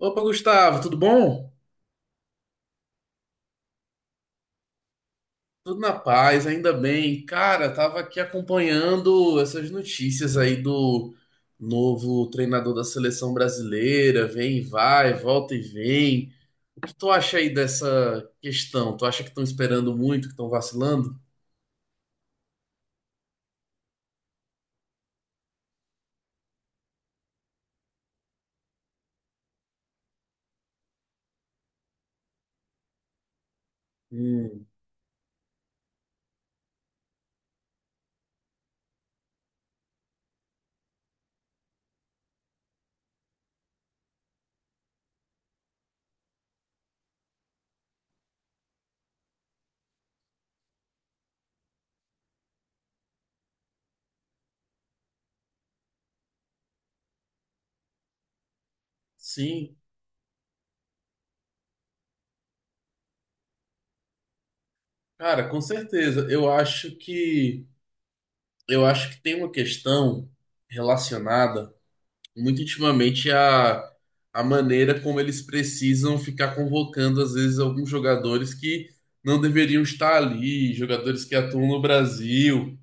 Opa, Gustavo, tudo bom? Tudo na paz, ainda bem. Cara, tava aqui acompanhando essas notícias aí do novo treinador da seleção brasileira, vem e vai, volta e vem. O que tu acha aí dessa questão? Tu acha que estão esperando muito, que estão vacilando? Hum, sim, cara, com certeza. Eu acho que tem uma questão relacionada muito intimamente a maneira como eles precisam ficar convocando, às vezes, alguns jogadores que não deveriam estar ali, jogadores que atuam no Brasil.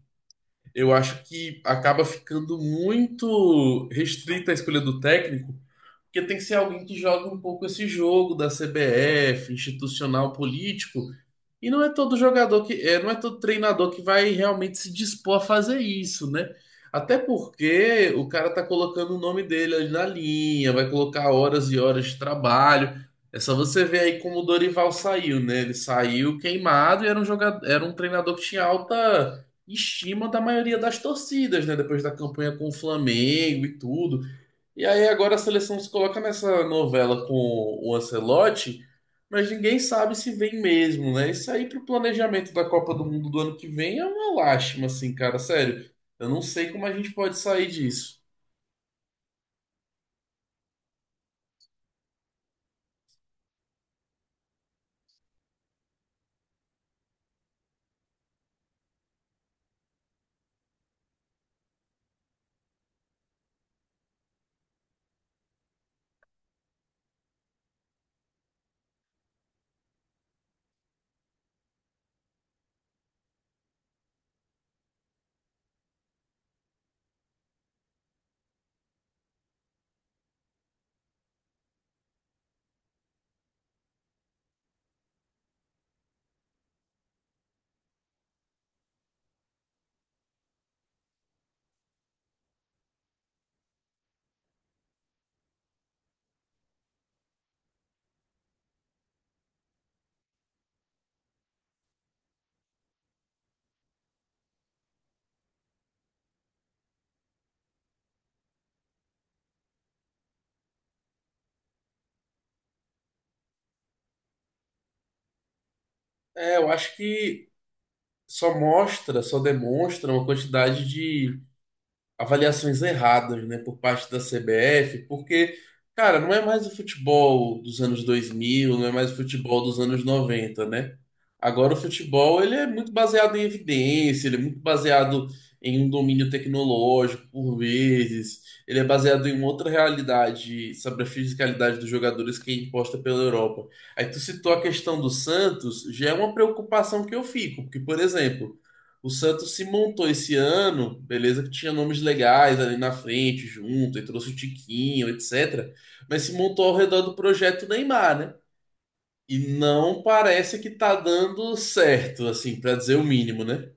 Eu acho que acaba ficando muito restrita a escolha do técnico, porque tem que ser alguém que joga um pouco esse jogo da CBF, institucional, político, e não é todo jogador que, não é todo treinador que vai realmente se dispor a fazer isso, né? Até porque o cara tá colocando o nome dele ali na linha, vai colocar horas e horas de trabalho. É só você ver aí como o Dorival saiu, né? Ele saiu queimado e era um jogador, era um treinador que tinha alta estima da maioria das torcidas, né? Depois da campanha com o Flamengo e tudo. E aí agora a seleção se coloca nessa novela com o Ancelotti, mas ninguém sabe se vem mesmo, né? Isso aí pro planejamento da Copa do Mundo do ano que vem é uma lástima, assim, cara, sério. Eu não sei como a gente pode sair disso. É, eu acho que só mostra, só demonstra uma quantidade de avaliações erradas, né, por parte da CBF, porque, cara, não é mais o futebol dos anos 2000, não é mais o futebol dos anos 90, né? Agora o futebol, ele é muito baseado em evidência, ele é muito baseado em um domínio tecnológico, por vezes, ele é baseado em outra realidade sobre a fisicalidade dos jogadores que é imposta pela Europa. Aí tu citou a questão do Santos, já é uma preocupação que eu fico, porque, por exemplo, o Santos se montou esse ano, beleza, que tinha nomes legais ali na frente, junto, e trouxe o Tiquinho, etc. Mas se montou ao redor do projeto Neymar, né? E não parece que tá dando certo, assim, pra dizer o mínimo, né?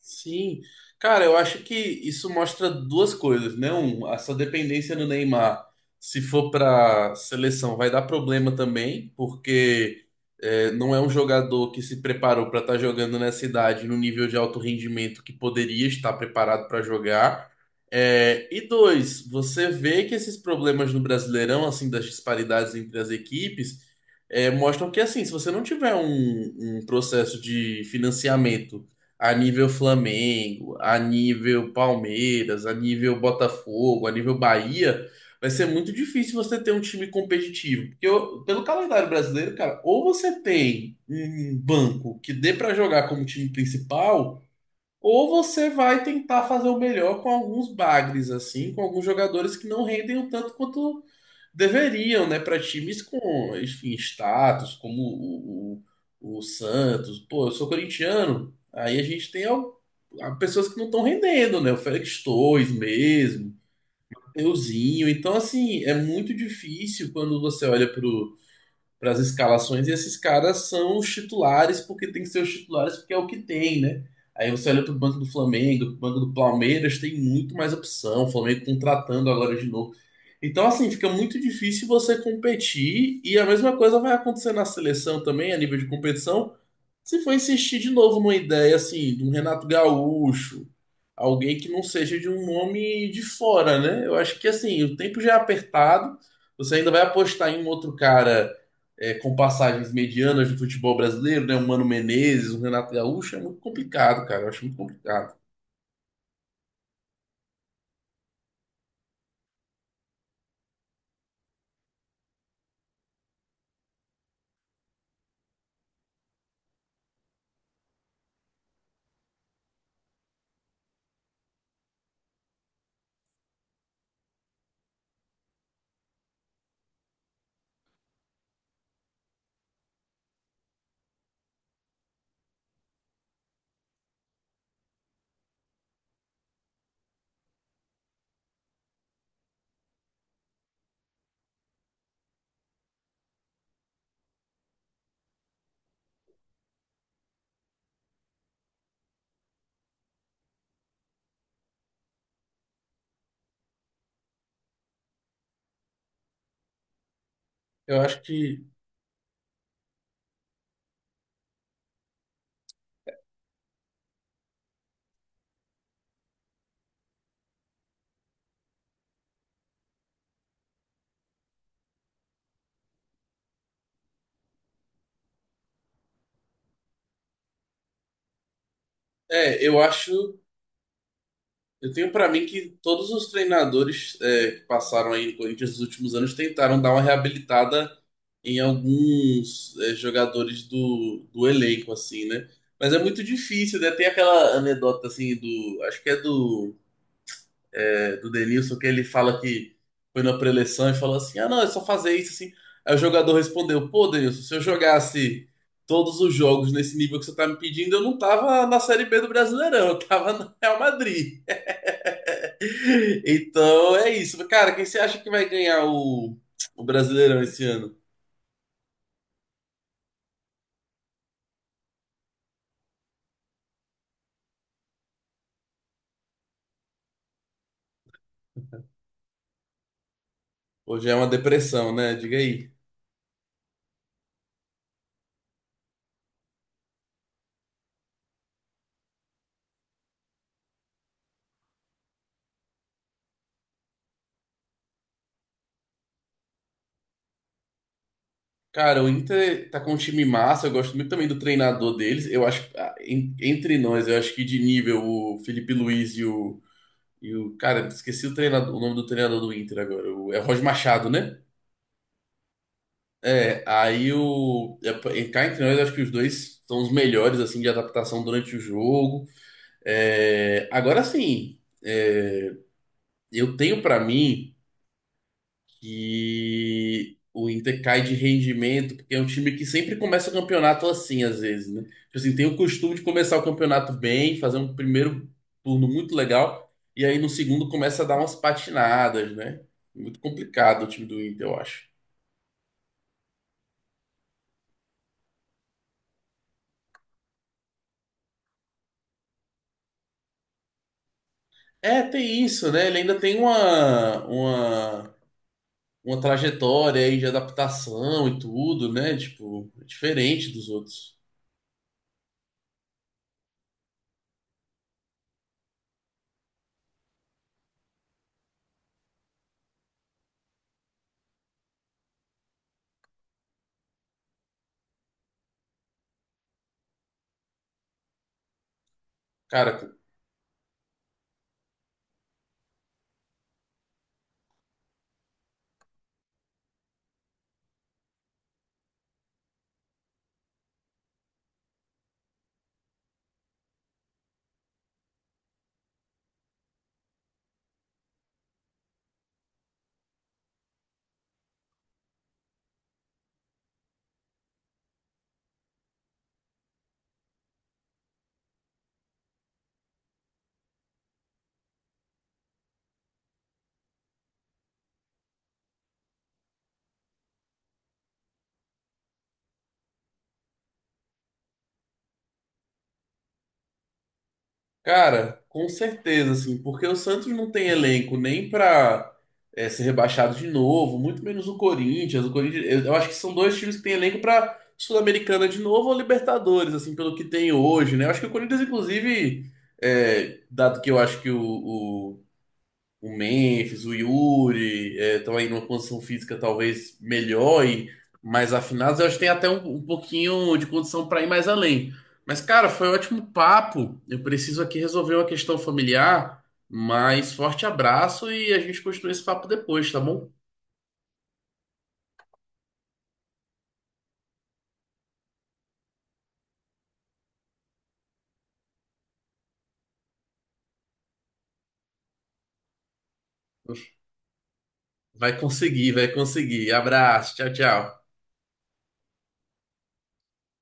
Sim, cara, eu acho que isso mostra duas coisas, né? Um, essa dependência do Neymar, se for para seleção, vai dar problema também, porque não é um jogador que se preparou para estar jogando nessa idade no nível de alto rendimento que poderia estar preparado para jogar. É, e dois, você vê que esses problemas no Brasileirão, assim, das disparidades entre as equipes, mostram que, assim, se você não tiver um processo de financiamento a nível Flamengo, a nível Palmeiras, a nível Botafogo, a nível Bahia, vai ser muito difícil você ter um time competitivo. Porque pelo calendário brasileiro, cara, ou você tem um banco que dê pra jogar como time principal, ou você vai tentar fazer o melhor com alguns bagres, assim, com alguns jogadores que não rendem o tanto quanto deveriam, né, para times com, enfim, status, como o Santos. Pô, eu sou corintiano. Aí a gente tem pessoas que não estão rendendo, né? O Félix Torres mesmo, euzinho. Então, assim, é muito difícil quando você olha para as escalações e esses caras são os titulares porque tem que ser os titulares porque é o que tem, né? Aí você olha para o banco do Flamengo, pro banco do Palmeiras, tem muito mais opção. O Flamengo contratando agora de novo, então, assim, fica muito difícil você competir, e a mesma coisa vai acontecer na seleção também, a nível de competição, se for insistir de novo numa ideia, assim, de um Renato Gaúcho, alguém que não seja de um nome de fora, né? Eu acho que, assim, o tempo já é apertado, você ainda vai apostar em um outro cara com passagens medianas do futebol brasileiro, né? Um Mano Menezes, um Renato Gaúcho, é muito complicado, cara, eu acho muito complicado. Eu acho que é, eu acho Eu tenho pra mim que todos os treinadores que passaram aí no Corinthians nos últimos anos tentaram dar uma reabilitada em alguns jogadores do elenco, assim, né? Mas é muito difícil, né? Tem aquela anedota, assim, do... Acho que é do Denilson, que ele fala que foi na preleção e falou assim, ah, não, é só fazer isso, assim. Aí o jogador respondeu, pô, Denilson, se eu jogasse todos os jogos nesse nível que você tá me pedindo, eu não tava na Série B do Brasileirão, eu tava no Real Madrid. Então é isso. Cara, quem você acha que vai ganhar o Brasileirão esse ano? Hoje é uma depressão, né? Diga aí. Cara, o Inter tá com um time massa, eu gosto muito também do treinador deles. Eu acho, ah, entre nós, eu acho que de nível o Felipe Luiz E o cara, esqueci o treinador, o nome do treinador do Inter agora. É o Roger Machado, né? É, cá entre nós, eu acho que os dois são os melhores, assim, de adaptação durante o jogo. É, agora sim. Eu tenho pra mim que o Inter cai de rendimento, porque é um time que sempre começa o campeonato assim, às vezes, né? Tipo assim, tem o costume de começar o campeonato bem, fazer um primeiro turno muito legal, e aí no segundo começa a dar umas patinadas, né? Muito complicado o time do Inter, eu acho. É, tem isso, né? Ele ainda tem uma trajetória aí de adaptação e tudo, né? Tipo, é diferente dos outros. Cara, Cara, com certeza, assim, porque o Santos não tem elenco nem pra ser rebaixado de novo, muito menos o Corinthians. O Corinthians, eu acho que são dois times que têm elenco pra Sul-Americana de novo ou Libertadores, assim, pelo que tem hoje, né? Eu acho que o Corinthians, inclusive, dado que eu acho que o Memphis, o Yuri, estão aí numa condição física talvez melhor e mais afinados. Eu acho que tem até um pouquinho de condição para ir mais além. Mas, cara, foi um ótimo papo. Eu preciso aqui resolver uma questão familiar. Mas forte abraço e a gente continua esse papo depois, tá bom? Vai conseguir, vai conseguir. Abraço, tchau, tchau.